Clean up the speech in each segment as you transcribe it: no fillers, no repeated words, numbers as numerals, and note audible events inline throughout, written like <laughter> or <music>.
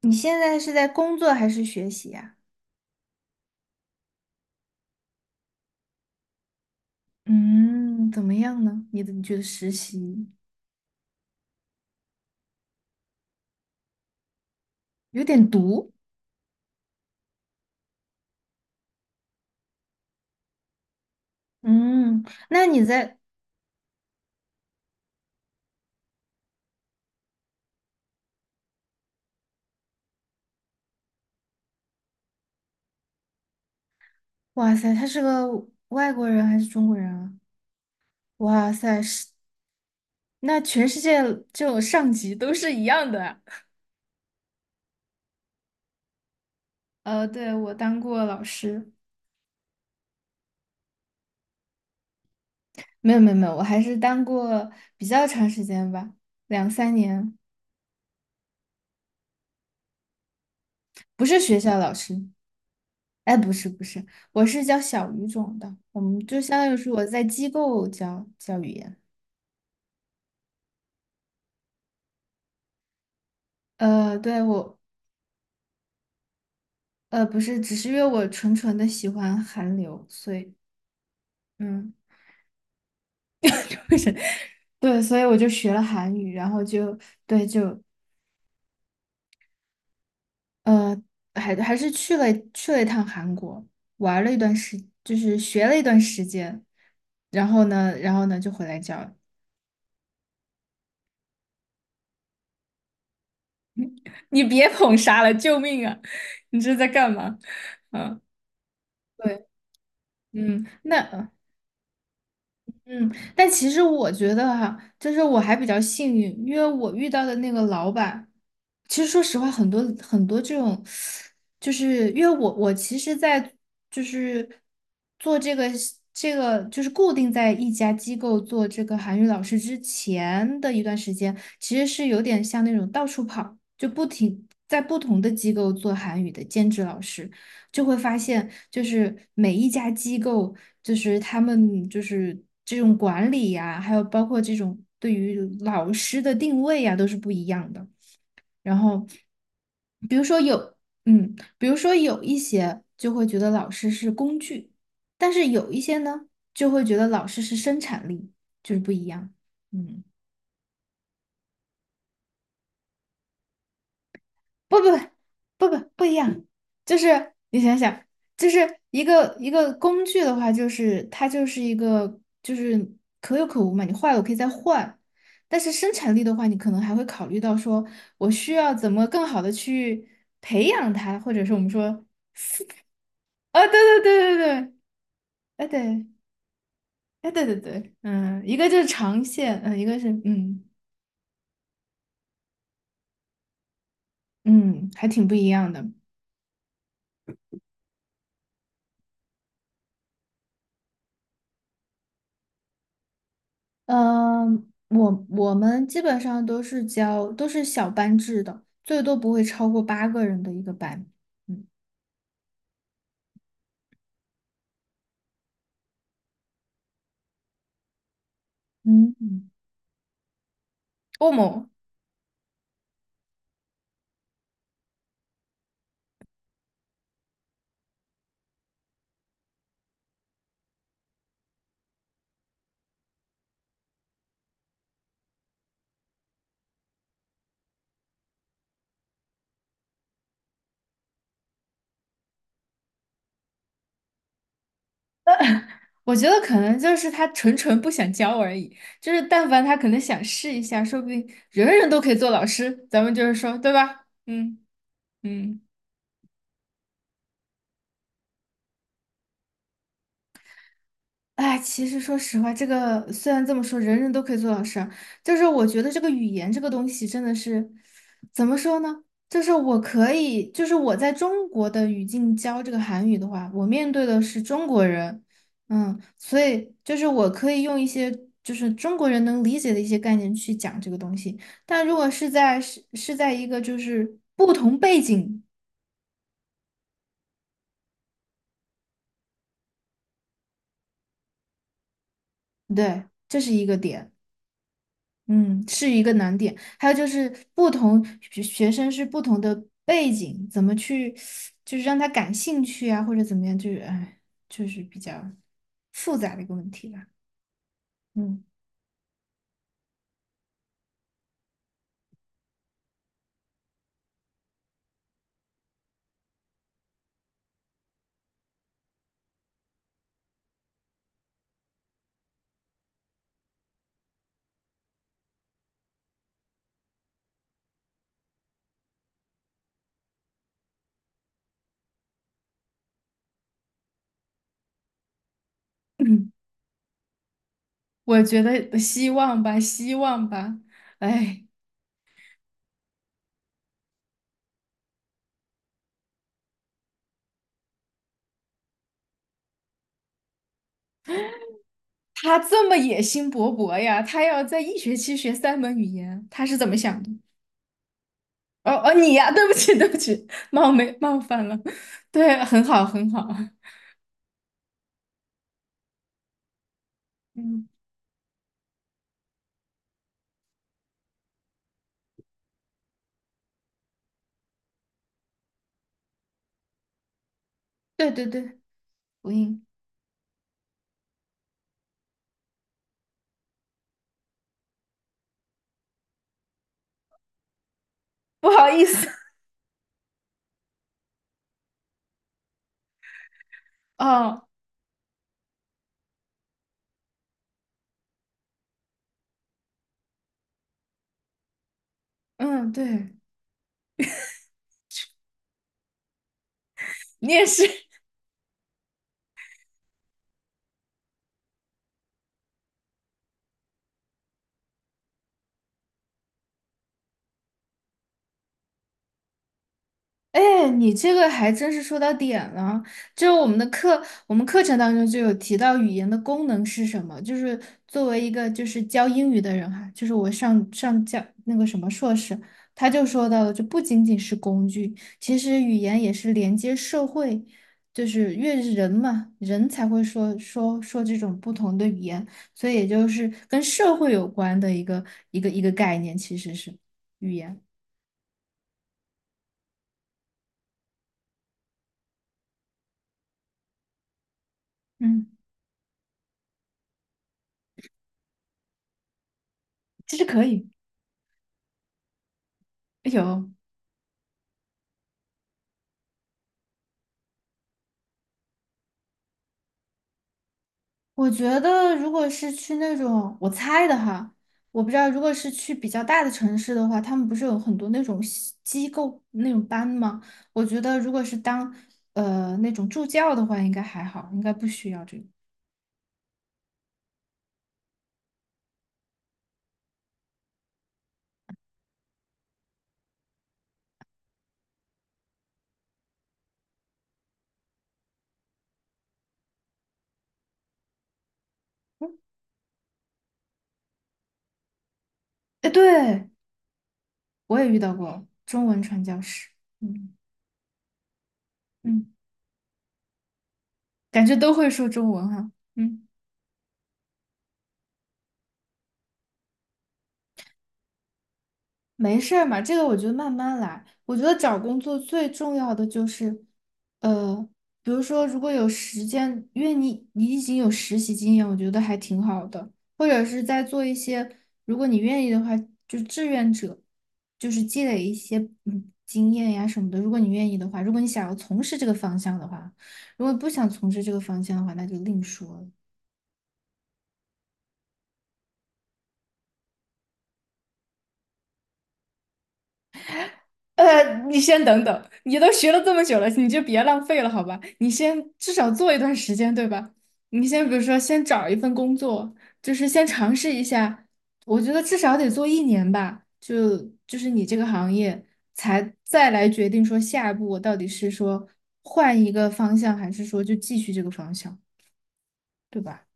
你现在是在工作还是学习呀？嗯，怎么样呢？你觉得实习有点毒？嗯，那你在，哇塞，他是个外国人还是中国人啊？哇塞，是，那全世界这种上级都是一样的啊呃，对，我当过老师，没有，我还是当过比较长时间吧，两三年，不是学校老师。哎，不是，我是教小语种的，我们就相当于是我在机构教语言。呃，对，我呃不是，只是因为我纯纯的喜欢韩流，所以嗯，<laughs> 对，所以我就学了韩语，然后就对就呃还还是去了去了一趟韩国，玩了一段时，就是学了一段时间，然后呢，然后呢就回来教了 <laughs> 你别捧杀了，救命啊！<laughs> 你这是在干嘛？嗯。对，嗯，那嗯，但其实我觉得哈、就是我还比较幸运，因为我遇到的那个老板，其实说实话，很多很多这种，就是因为我其实在就是做这个就是固定在一家机构做这个韩语老师之前的一段时间，其实是有点像那种到处跑，就不停在不同的机构做韩语的兼职老师。就会发现，就是每一家机构，就是他们就是这种管理呀，还有包括这种对于老师的定位呀，都是不一样的。然后，比如说有，嗯，比如说有一些就会觉得老师是工具，但是有一些呢，就会觉得老师是生产力，就是不一样。嗯。不一样，就是你想想，就是一个工具的话，就是它就是一个就是可有可无嘛，你坏了我可以再换，但是生产力的话，你可能还会考虑到说我需要怎么更好的去培养它，或者是我们说，啊、对，对，哎对，哎对，嗯，一个就是长线，嗯，一个是嗯嗯，还挺不一样的。嗯，我们基本上都是小班制的，最多不会超过八个人的一个班。嗯嗯，欧盟，我觉得可能就是他纯纯不想教而已，就是但凡他可能想试一下，说不定人人都可以做老师，咱们就是说，对吧？嗯嗯。哎，其实说实话，这个虽然这么说，人人都可以做老师啊，就是我觉得这个语言这个东西真的是，怎么说呢？就是我可以，就是我在中国的语境教这个韩语的话，我面对的是中国人，嗯，所以就是我可以用一些就是中国人能理解的一些概念去讲这个东西，但如果是在在一个就是不同背景，对，这是一个点。嗯，是一个难点。还有就是不同学生是不同的背景，怎么去就是让他感兴趣啊，或者怎么样，就是哎，就是比较复杂的一个问题吧。嗯，<clears throat> 我觉得希望吧，希望吧。哎，他这么野心勃勃呀，他要在一学期学三门语言，他是怎么想的？哦，你呀，<laughs> 对不起，对不起，冒昧冒犯了。<laughs> 对，很好，很好。嗯，对对对，不应。不好意思，哦，嗯，对，你也是，哎，你这个还真是说到点了。就是我们的课，我们课程当中就有提到语言的功能是什么。就是作为一个就是教英语的人哈，就是我上教那个什么硕士，他就说到了，就不仅仅是工具，其实语言也是连接社会，就是越是人嘛，人才会说这种不同的语言，所以也就是跟社会有关的一个一个概念，其实是语言。嗯，其实可以。有。我觉得，如果是去那种我猜的哈，我不知道，如果是去比较大的城市的话，他们不是有很多那种西机构那种班吗？我觉得，如果是当呃那种助教的话，应该还好，应该不需要这个。嗯，哎，对，我也遇到过中文传教士，嗯嗯，感觉都会说中文哈。嗯。没事儿嘛，这个我觉得慢慢来。我觉得找工作最重要的就是，呃，比如说如果有时间，因为你已经有实习经验，我觉得还挺好的。或者是在做一些，如果你愿意的话，就志愿者，就是积累一些嗯经验呀什么的。如果你愿意的话，如果你想要从事这个方向的话，如果不想从事这个方向的话，那就另说了。呃，你先等等，你都学了这么久了，你就别浪费了，好吧？你先至少做一段时间，对吧？你先比如说，先找一份工作，就是先尝试一下。我觉得至少得做一年吧，就就是你这个行业，才再来决定说下一步我到底是说换一个方向，还是说就继续这个方向，对吧？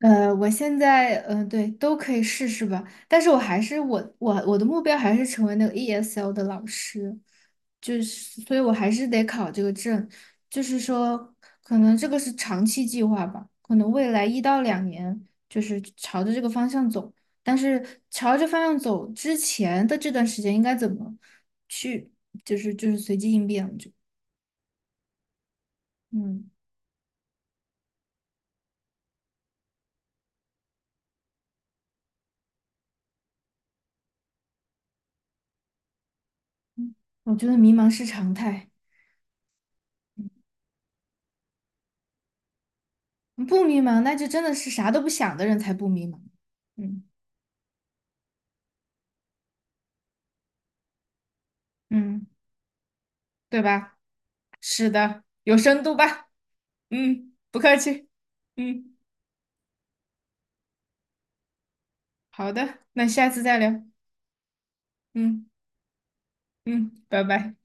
呃，我现在嗯、呃对，都可以试试吧。但是我还是我的目标还是成为那个 ESL 的老师，就是，所以我还是得考这个证。就是说，可能这个是长期计划吧，可能未来一到两年就是朝着这个方向走。但是朝着方向走之前的这段时间应该怎么去，就是随机应变，就嗯，我觉得迷茫是常态。不迷茫，那就真的是啥都不想的人才不迷茫。嗯嗯，对吧？是的，有深度吧？嗯，不客气。嗯，好的，那下次再聊。嗯嗯，拜拜。